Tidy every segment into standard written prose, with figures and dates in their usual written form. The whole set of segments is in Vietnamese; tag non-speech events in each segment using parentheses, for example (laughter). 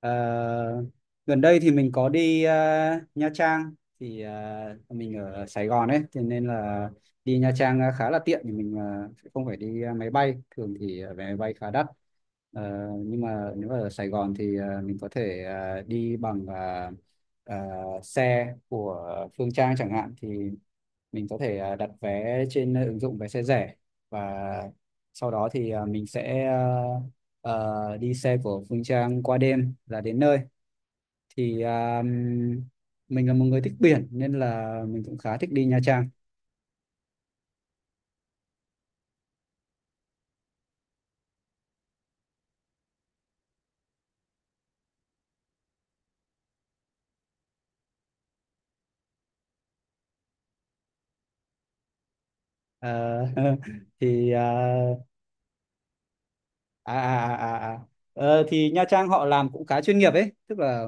Ờ, Gần đây thì mình có đi Nha Trang, thì mình ở Sài Gòn ấy, thế nên là đi Nha Trang khá là tiện, thì mình sẽ không phải đi máy bay, thường thì vé máy bay khá đắt. Nhưng mà nếu mà ở Sài Gòn thì mình có thể đi bằng ờ, xe của Phương Trang chẳng hạn, thì mình có thể đặt vé trên ứng dụng Vé Xe Rẻ, và sau đó thì mình sẽ đi xe của Phương Trang qua đêm là đến nơi. Thì mình là một người thích biển nên là mình cũng khá thích đi Nha Trang. Ờ, (laughs) thì à, à, à, à, à. Thì Nha Trang họ làm cũng khá chuyên nghiệp ấy, tức là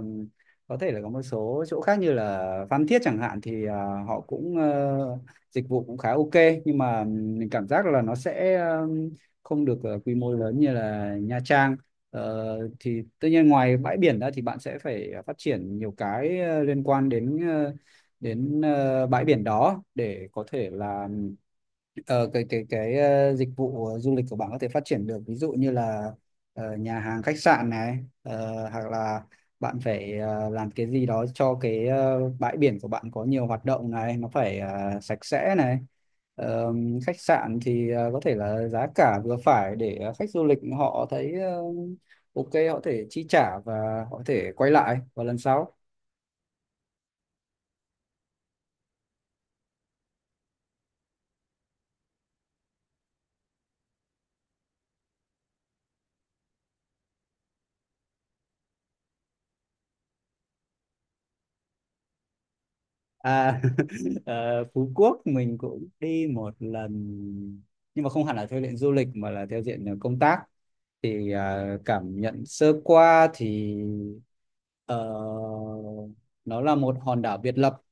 có thể là có một số chỗ khác như là Phan Thiết chẳng hạn, thì họ cũng, dịch vụ cũng khá ok, nhưng mà mình cảm giác là nó sẽ không được quy mô lớn như là Nha Trang. Thì tất nhiên ngoài bãi biển ra thì bạn sẽ phải phát triển nhiều cái liên quan đến bãi biển đó, để có thể là cái dịch vụ du lịch của bạn có thể phát triển được, ví dụ như là nhà hàng khách sạn này, hoặc là bạn phải làm cái gì đó cho cái bãi biển của bạn có nhiều hoạt động này, nó phải sạch sẽ này. Ờ, Khách sạn thì có thể là giá cả vừa phải để khách du lịch họ thấy ok, họ có thể chi trả và họ có thể quay lại vào lần sau. À, (laughs) Phú Quốc mình cũng đi một lần, nhưng mà không hẳn là theo diện du lịch mà là theo diện công tác. Thì cảm nhận sơ qua thì ờ, nó là một hòn đảo biệt lập.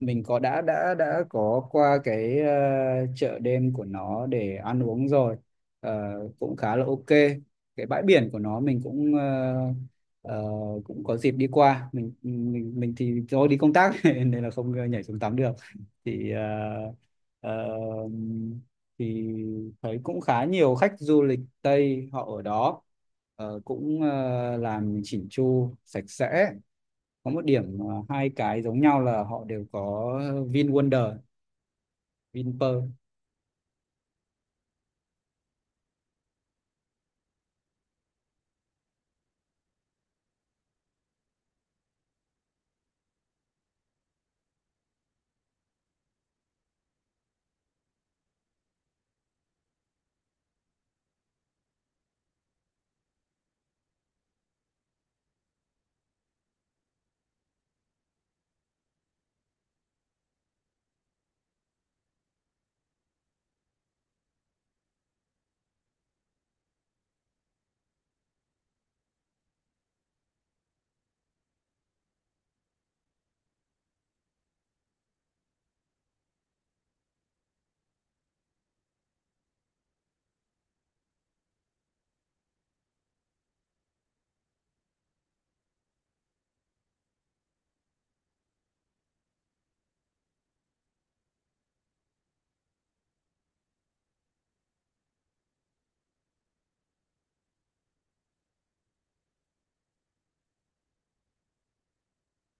Mình có đã có qua cái chợ đêm của nó để ăn uống rồi. Ờ, Cũng khá là ok. Cái bãi biển của nó mình cũng ờ, cũng có dịp đi qua. Mình thì do đi công tác (laughs) nên là không nhảy xuống tắm được. Thì ờ, ờ, thì thấy cũng khá nhiều khách du lịch Tây họ ở đó. Cũng làm chỉnh chu sạch sẽ. Có một điểm hai cái giống nhau là họ đều có Vin Wonder, Vinpearl.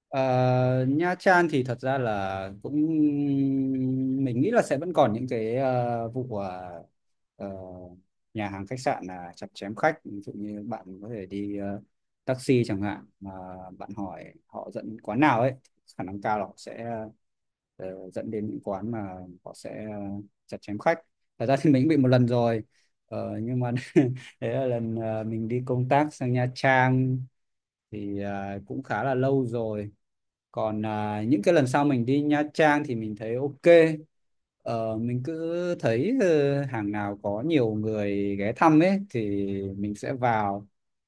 Ờ, Nha Trang thì thật ra là cũng, mình nghĩ là sẽ vẫn còn những cái vụ ờ, nhà hàng khách sạn là chặt chém khách, ví dụ như bạn có thể đi taxi chẳng hạn, mà bạn hỏi họ dẫn quán nào ấy, khả năng cao là họ sẽ dẫn đến những quán mà họ sẽ chặt chém khách. Thật ra thì mình cũng bị một lần rồi. Nhưng mà (laughs) đấy là lần mình đi công tác sang Nha Trang, thì cũng khá là lâu rồi. Còn những cái lần sau mình đi Nha Trang thì mình thấy ok. Mình cứ thấy hàng nào có nhiều người ghé thăm ấy thì mình sẽ vào.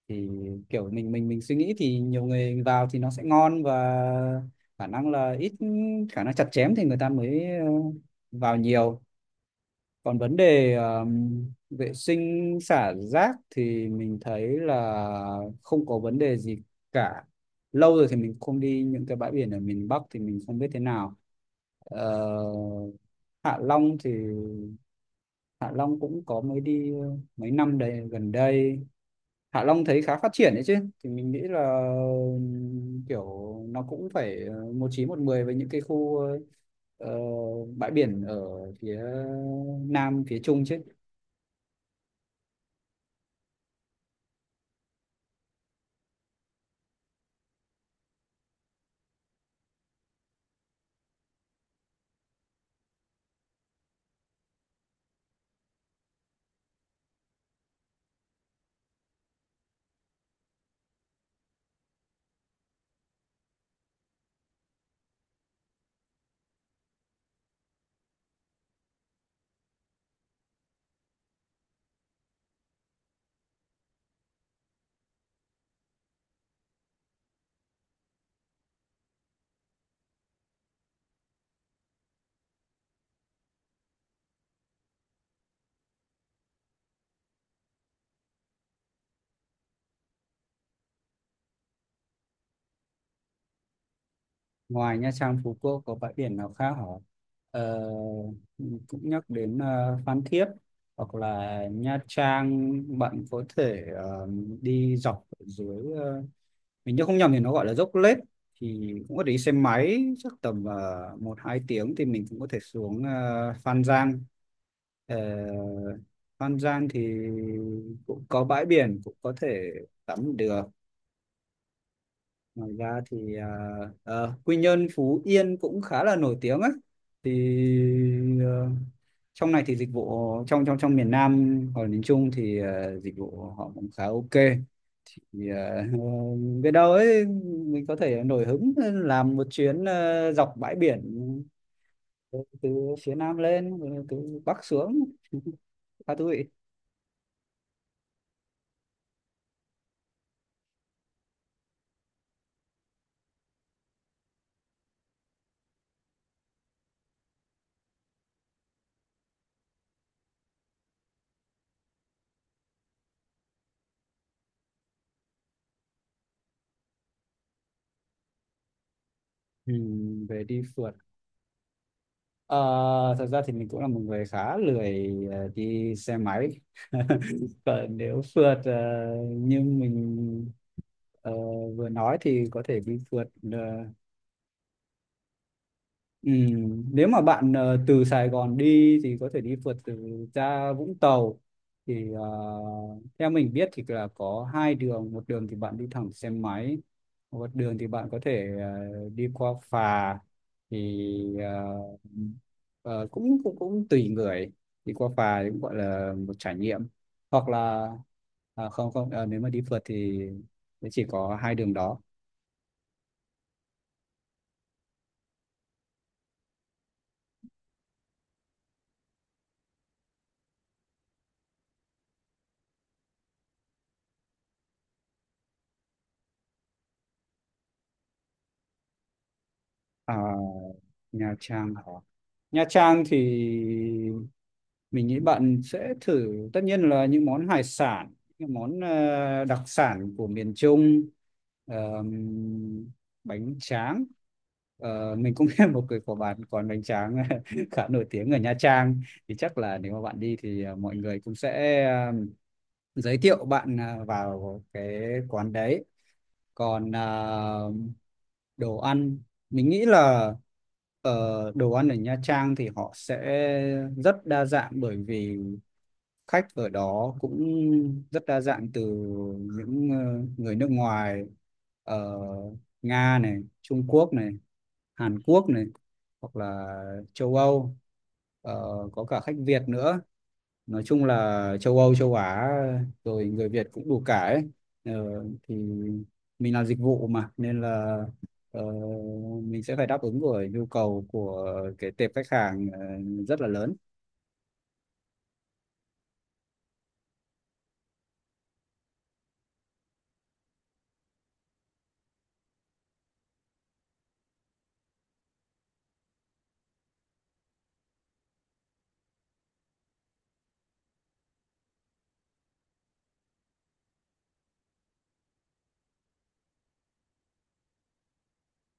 Thì kiểu mình suy nghĩ thì nhiều người vào thì nó sẽ ngon, và khả năng là ít khả năng chặt chém thì người ta mới vào nhiều. Còn vấn đề vệ sinh xả rác thì mình thấy là không có vấn đề gì cả. Lâu rồi thì mình không đi những cái bãi biển ở miền Bắc thì mình không biết thế nào. Ờ, Hạ Long thì Hạ Long cũng có mới đi mấy năm đây gần đây. Hạ Long thấy khá phát triển đấy chứ. Thì mình nghĩ là kiểu nó cũng phải một chín một mười với những cái khu ờ, bãi biển ở phía Nam, phía Trung chứ. Ngoài Nha Trang, Phú Quốc có bãi biển nào khác hả? Ờ, Cũng nhắc đến Phan Thiết hoặc là Nha Trang, bạn có thể đi dọc ở dưới. Ờ, mình nhớ không nhầm thì nó gọi là Dốc Lết. Thì cũng có thể đi xe máy chắc tầm một hai tiếng, thì mình cũng có thể xuống Phan Giang. Ờ, Phan Giang thì cũng có bãi biển, cũng có thể tắm được. Ngoài ra thì Quy Nhơn, Phú Yên cũng khá là nổi tiếng ấy. Thì ờ, trong này thì dịch vụ trong trong trong miền Nam hoặc là miền Trung thì dịch vụ họ cũng khá ok. Thì (laughs) biết đâu ấy mình có thể nổi hứng làm một chuyến dọc bãi biển, từ từ phía Nam lên, từ Bắc xuống (laughs) khá thú vị. Ừ, về đi phượt. Ờ, Thật ra thì mình cũng là một người khá lười đi xe máy. (laughs) Còn nếu phượt như mình ờ, vừa nói thì có thể đi phượt. ờ, Nếu mà bạn từ Sài Gòn đi thì có thể đi phượt từ, ra Vũng Tàu. Thì theo mình biết thì là có hai đường, một đường thì bạn đi thẳng xe máy, một đường thì bạn có thể đi qua phà. Thì ờ, Ờ, cũng cũng cũng tùy người. Thì qua phà thì cũng gọi là một trải nghiệm. Hoặc là à, không không ờ, nếu mà đi phượt thì chỉ có hai đường đó. à, Nha Trang Nha Trang thì mình nghĩ bạn sẽ thử tất nhiên là những món hải sản, những món đặc sản của miền Trung, ờm, bánh tráng. Mình cũng (laughs) biết một cái của bạn còn bánh tráng (laughs) khá nổi tiếng ở Nha Trang. Thì chắc là nếu mà bạn đi thì mọi người cũng sẽ giới thiệu bạn vào cái quán đấy. Còn đồ ăn, mình nghĩ là đồ ăn ở Nha Trang thì họ sẽ rất đa dạng, bởi vì khách ở đó cũng rất đa dạng, từ những người nước ngoài ở Nga này, Trung Quốc này, Hàn Quốc này, hoặc là châu Âu. Ờ, có cả khách Việt nữa, nói chung là châu Âu, châu Á, rồi người Việt cũng đủ cả ấy. ờ, thì mình làm dịch vụ mà nên là ờ, mình sẽ phải đáp ứng rồi nhu cầu của cái tệp khách hàng rất là lớn.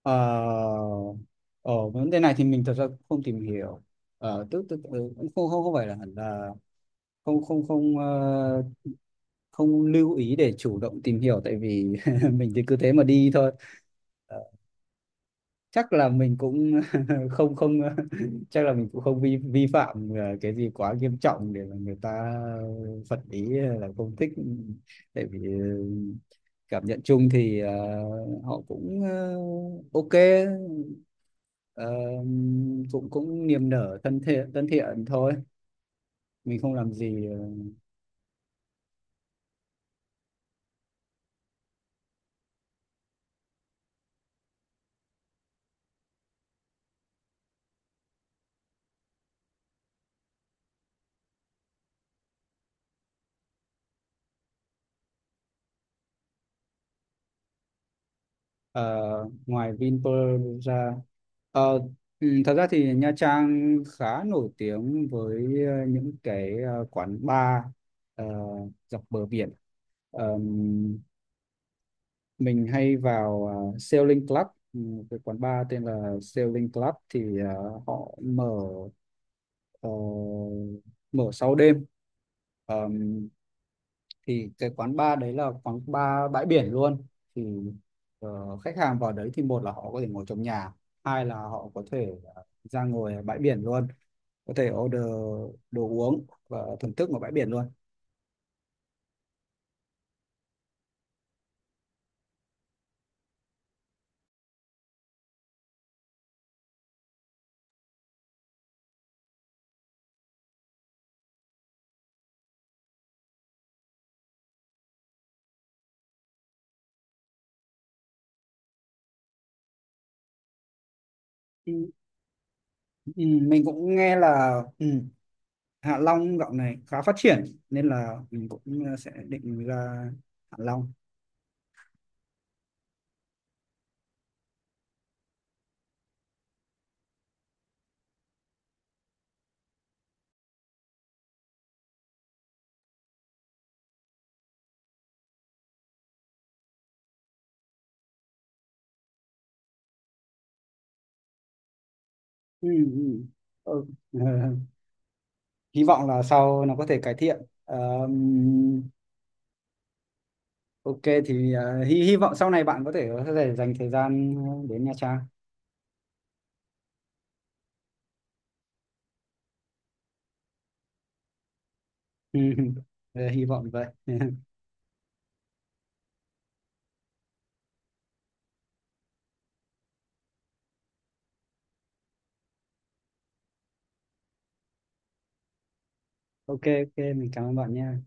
Ờ, Ở vấn đề này thì mình thật ra cũng không tìm hiểu. Ờ, tức tức ừ, Cũng không không không phải là hẳn là không không không ờ, không lưu ý để chủ động tìm hiểu, tại vì (laughs) mình thì cứ thế mà đi thôi. Chắc là mình cũng (laughs) không không (laughs) chắc là mình cũng không vi vi phạm cái gì quá nghiêm trọng để mà người ta phật ý là không thích. Tại vì cảm nhận chung thì họ cũng ok, ờ, cũng cũng niềm nở, thân thiện thôi, mình không làm gì ờ, ngoài Vinpearl ra. Ờ, Thật ra thì Nha Trang khá nổi tiếng với những cái quán bar ờ, dọc bờ biển. Ờm, mình hay vào Sailing Club, ừ, cái quán bar tên là Sailing Club thì họ mở ờ, mở sau đêm. Ờm, thì cái quán bar đấy là quán bar bãi biển luôn. Thì khách hàng vào đấy thì một là họ có thể ngồi trong nhà, hai là họ có thể ra ngồi ở bãi biển luôn, có thể order đồ uống và thưởng thức ở bãi biển luôn. Ừ, ừ, mình cũng nghe là Hạ Long dạo này khá phát triển, nên là mình cũng sẽ định ra Hạ Long. Ừ, ừ. Ừ. (laughs) Hy vọng là sau nó có thể cải thiện. Ờ, Ok, thì hy hy vọng sau này bạn có thể dành thời gian đến Nha Trang. (laughs) Hy vọng vậy. (laughs) Ok, ok, mình cảm ơn bạn nha.